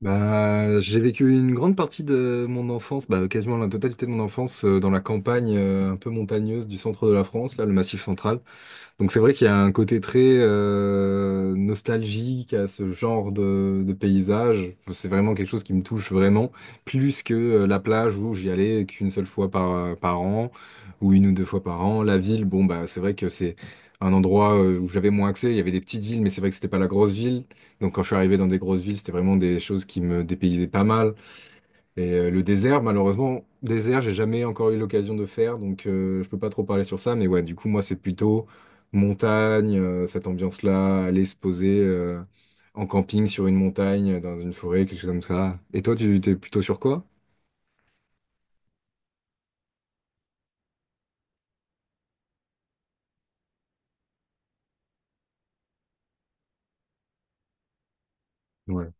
Bah, j'ai vécu une grande partie de mon enfance, bah, quasiment la totalité de mon enfance, dans la campagne un peu montagneuse du centre de la France, là, le Massif central. Donc c'est vrai qu'il y a un côté très nostalgique à ce genre de paysage. C'est vraiment quelque chose qui me touche vraiment, plus que la plage où j'y allais qu'une seule fois par, par an, ou une ou deux fois par an. La ville, bon bah c'est vrai que c'est un endroit où j'avais moins accès. Il y avait des petites villes, mais c'est vrai que c'était pas la grosse ville. Donc quand je suis arrivé dans des grosses villes, c'était vraiment des choses qui me dépaysaient pas mal. Et le désert, malheureusement, désert, j'ai jamais encore eu l'occasion de faire, donc je peux pas trop parler sur ça. Mais ouais, du coup, moi, c'est plutôt montagne, cette ambiance-là, aller se poser en camping sur une montagne, dans une forêt, quelque chose comme ça. Et toi, tu t'es plutôt sur quoi? Ouais,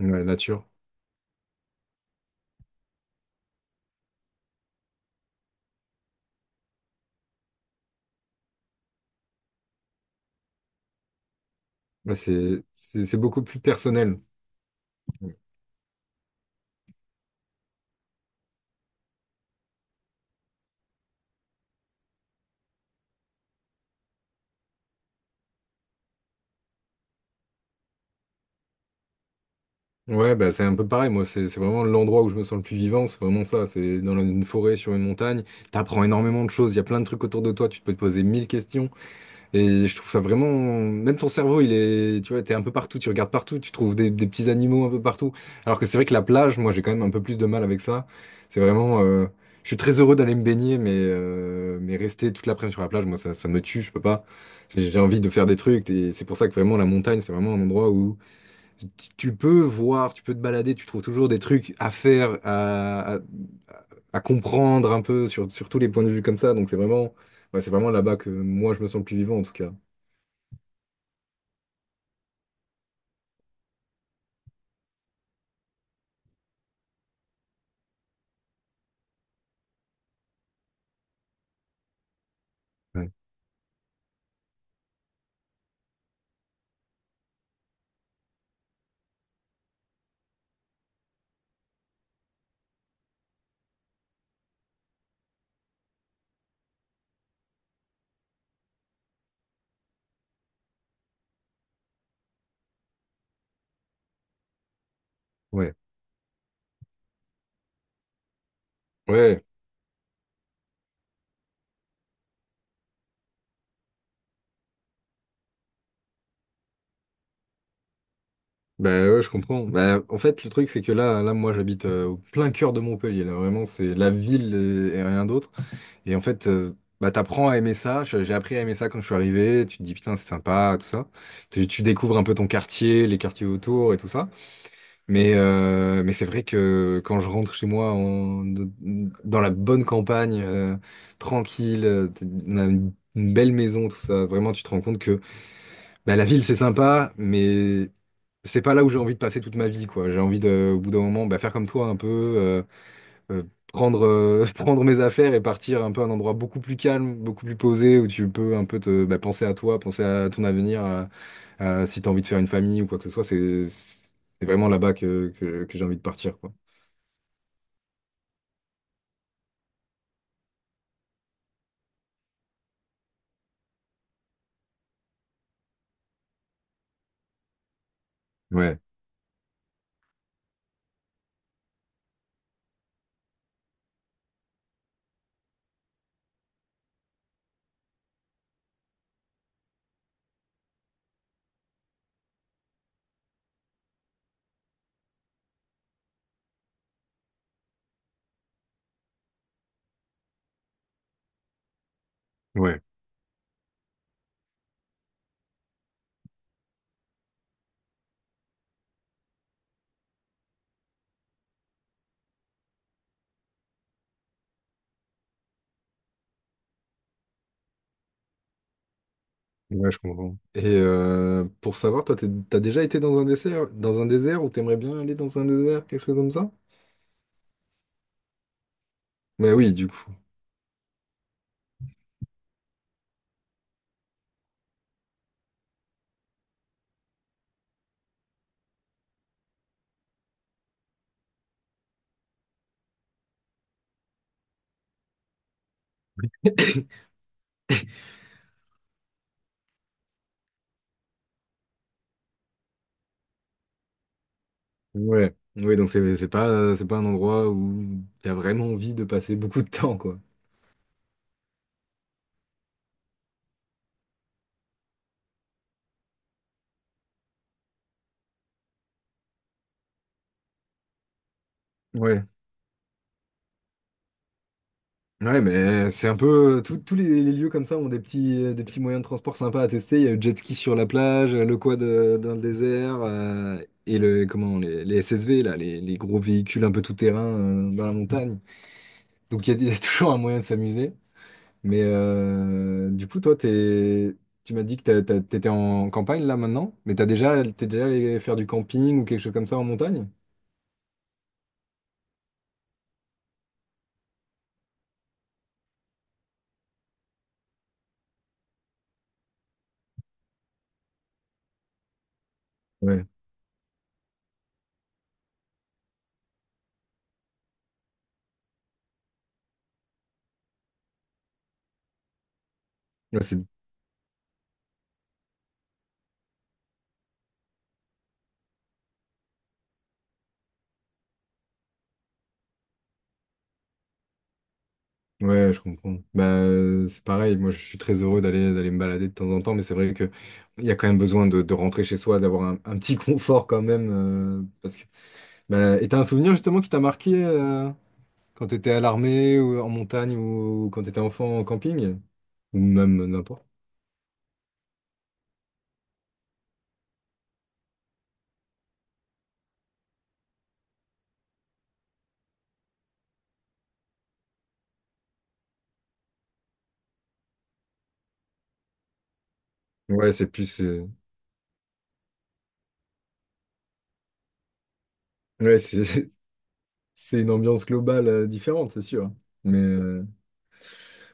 ouais, nature. Ouais, c'est beaucoup plus personnel. Ouais, bah, c'est un peu pareil. Moi, c'est vraiment l'endroit où je me sens le plus vivant. C'est vraiment ça. C'est dans une forêt, sur une montagne. T'apprends énormément de choses. Il y a plein de trucs autour de toi. Tu peux te poser mille questions. Et je trouve ça vraiment. Même ton cerveau, il est. Tu vois, t'es un peu partout, tu regardes partout, tu trouves des petits animaux un peu partout. Alors que c'est vrai que la plage, moi, j'ai quand même un peu plus de mal avec ça. C'est vraiment. Je suis très heureux d'aller me baigner, mais rester toute l'après-midi sur la plage, moi, ça me tue, je peux pas. J'ai envie de faire des trucs. Et c'est pour ça que vraiment, la montagne, c'est vraiment un endroit où tu peux voir, tu peux te balader, tu trouves toujours des trucs à faire, à comprendre un peu sur tous les points de vue comme ça. Donc c'est vraiment. Ouais, c'est vraiment là-bas que moi, je me sens le plus vivant, en tout cas. Ouais, ouais, bah ouais, je comprends. Bah, en fait, le truc, c'est que moi, j'habite au plein cœur de Montpellier. Là, vraiment, c'est la ville et rien d'autre. Et en fait, bah, t'apprends à aimer ça. J'ai appris à aimer ça quand je suis arrivé. Tu te dis, putain, c'est sympa, tout ça. Tu découvres un peu ton quartier, les quartiers autour et tout ça. Mais c'est vrai que quand je rentre chez moi dans la bonne campagne, tranquille, on a une belle maison, tout ça, vraiment, tu te rends compte que. Bah, la ville, c'est sympa, mais c'est pas là où j'ai envie de passer toute ma vie, quoi. J'ai envie de, au bout d'un moment, bah, faire comme toi un peu, euh, prendre, prendre mes affaires et partir un peu à un endroit beaucoup plus calme, beaucoup plus posé, où tu peux un peu te, bah, penser à toi, penser à ton avenir, à si t'as envie de faire une famille ou quoi que ce soit. C'est vraiment là-bas que j'ai envie de partir, quoi. Ouais, ouais, ouais, je comprends. Et pour savoir, toi, t'as déjà été dans un désert ou t'aimerais bien aller dans un désert, quelque chose comme ça? Mais oui, du coup. Ouais. Oui, donc c'est pas un endroit où t'as vraiment envie de passer beaucoup de temps, quoi. Ouais. Ouais, mais c'est un peu tous les lieux comme ça ont des petits moyens de transport sympas à tester. Il y a le jet ski sur la plage, le quad dans le désert et le comment les SSV là, les gros véhicules un peu tout-terrain dans la montagne. Donc il y a toujours un moyen de s'amuser. Mais du coup, toi, t'es Tu m'as dit que t'étais en campagne là maintenant, mais t'as déjà, t'es déjà allé faire du camping ou quelque chose comme ça en montagne? Ouais, ouais, c'est... ouais, je comprends. Bah, c'est pareil, moi je suis très heureux d'aller me balader de temps en temps, mais c'est vrai que il y a quand même besoin de rentrer chez soi, d'avoir un petit confort quand même. Parce que... bah, et t'as un souvenir justement qui t'a marqué quand t'étais à l'armée ou en montagne ou quand t'étais enfant en camping? Ou même n'importe. Ouais, c'est plus. Ouais, c'est c'est une ambiance globale différente, c'est sûr. Mais,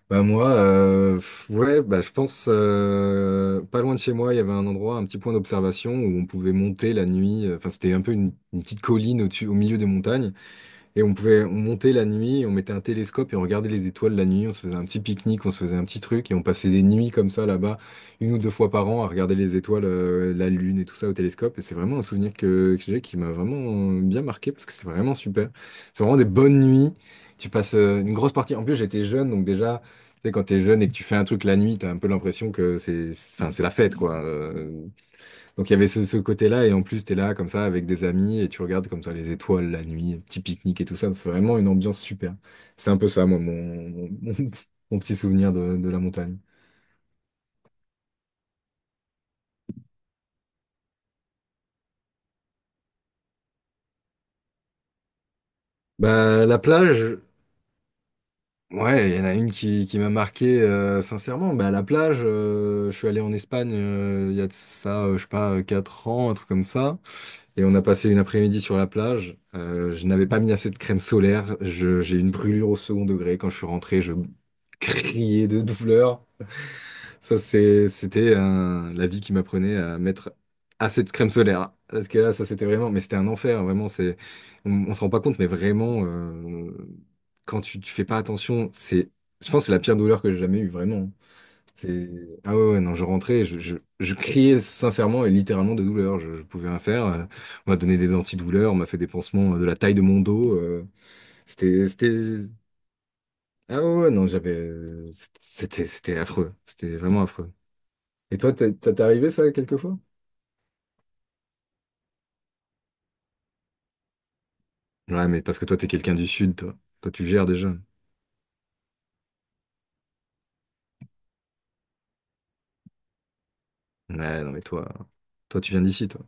Bah moi, ouais, bah je pense pas loin de chez moi, il y avait un endroit, un petit point d'observation où on pouvait monter la nuit. Enfin, c'était un peu une petite colline au milieu des montagnes et on pouvait, on montait la nuit, on mettait un télescope et on regardait les étoiles la nuit, on se faisait un petit pique-nique, on se faisait un petit truc et on passait des nuits comme ça là-bas, une ou deux fois par an, à regarder les étoiles, la lune et tout ça au télescope. Et c'est vraiment un souvenir que j'ai qui m'a vraiment bien marqué parce que c'est vraiment super. C'est vraiment des bonnes nuits. Tu passes une grosse partie. En plus, j'étais jeune, donc déjà, tu sais, quand t'es jeune et que tu fais un truc la nuit, t'as un peu l'impression que enfin, c'est la fête, quoi. Donc il y avait ce côté-là, et en plus, t'es là comme ça avec des amis, et tu regardes comme ça les étoiles la nuit, petit pique-nique et tout ça. C'est vraiment une ambiance super. C'est un peu ça, moi, mon petit souvenir de la montagne. Bah, la plage, ouais, il y en a une qui m'a marqué, sincèrement. Bah, la plage, je suis allé en Espagne il y a de ça, je sais pas, 4 ans, un truc comme ça. Et on a passé une après-midi sur la plage. Je n'avais pas mis assez de crème solaire. J'ai eu une brûlure au second degré. Quand je suis rentré, je criais de douleur. Ça, c'était la vie qui m'apprenait à mettre assez de crème solaire. Hein. Parce que là, ça, c'était vraiment, mais c'était un enfer, vraiment. C'est, on se rend pas compte, mais vraiment, quand tu fais pas attention, c'est, je pense, que c'est la pire douleur que j'ai jamais eue, vraiment. Hein. C'est, ah ouais, ouais, non, je rentrais, je criais sincèrement et littéralement de douleur. Je pouvais rien faire. On m'a donné des antidouleurs, on m'a fait des pansements de la taille de mon dos. C'était, ah ouais, ouais, non, j'avais, c'était affreux. C'était vraiment affreux. Et toi, ça t'est arrivé ça quelquefois? Ouais, mais parce que toi, t'es quelqu'un du sud, toi. Toi, tu gères déjà. Ouais, non, mais toi, toi, tu viens d'ici, toi.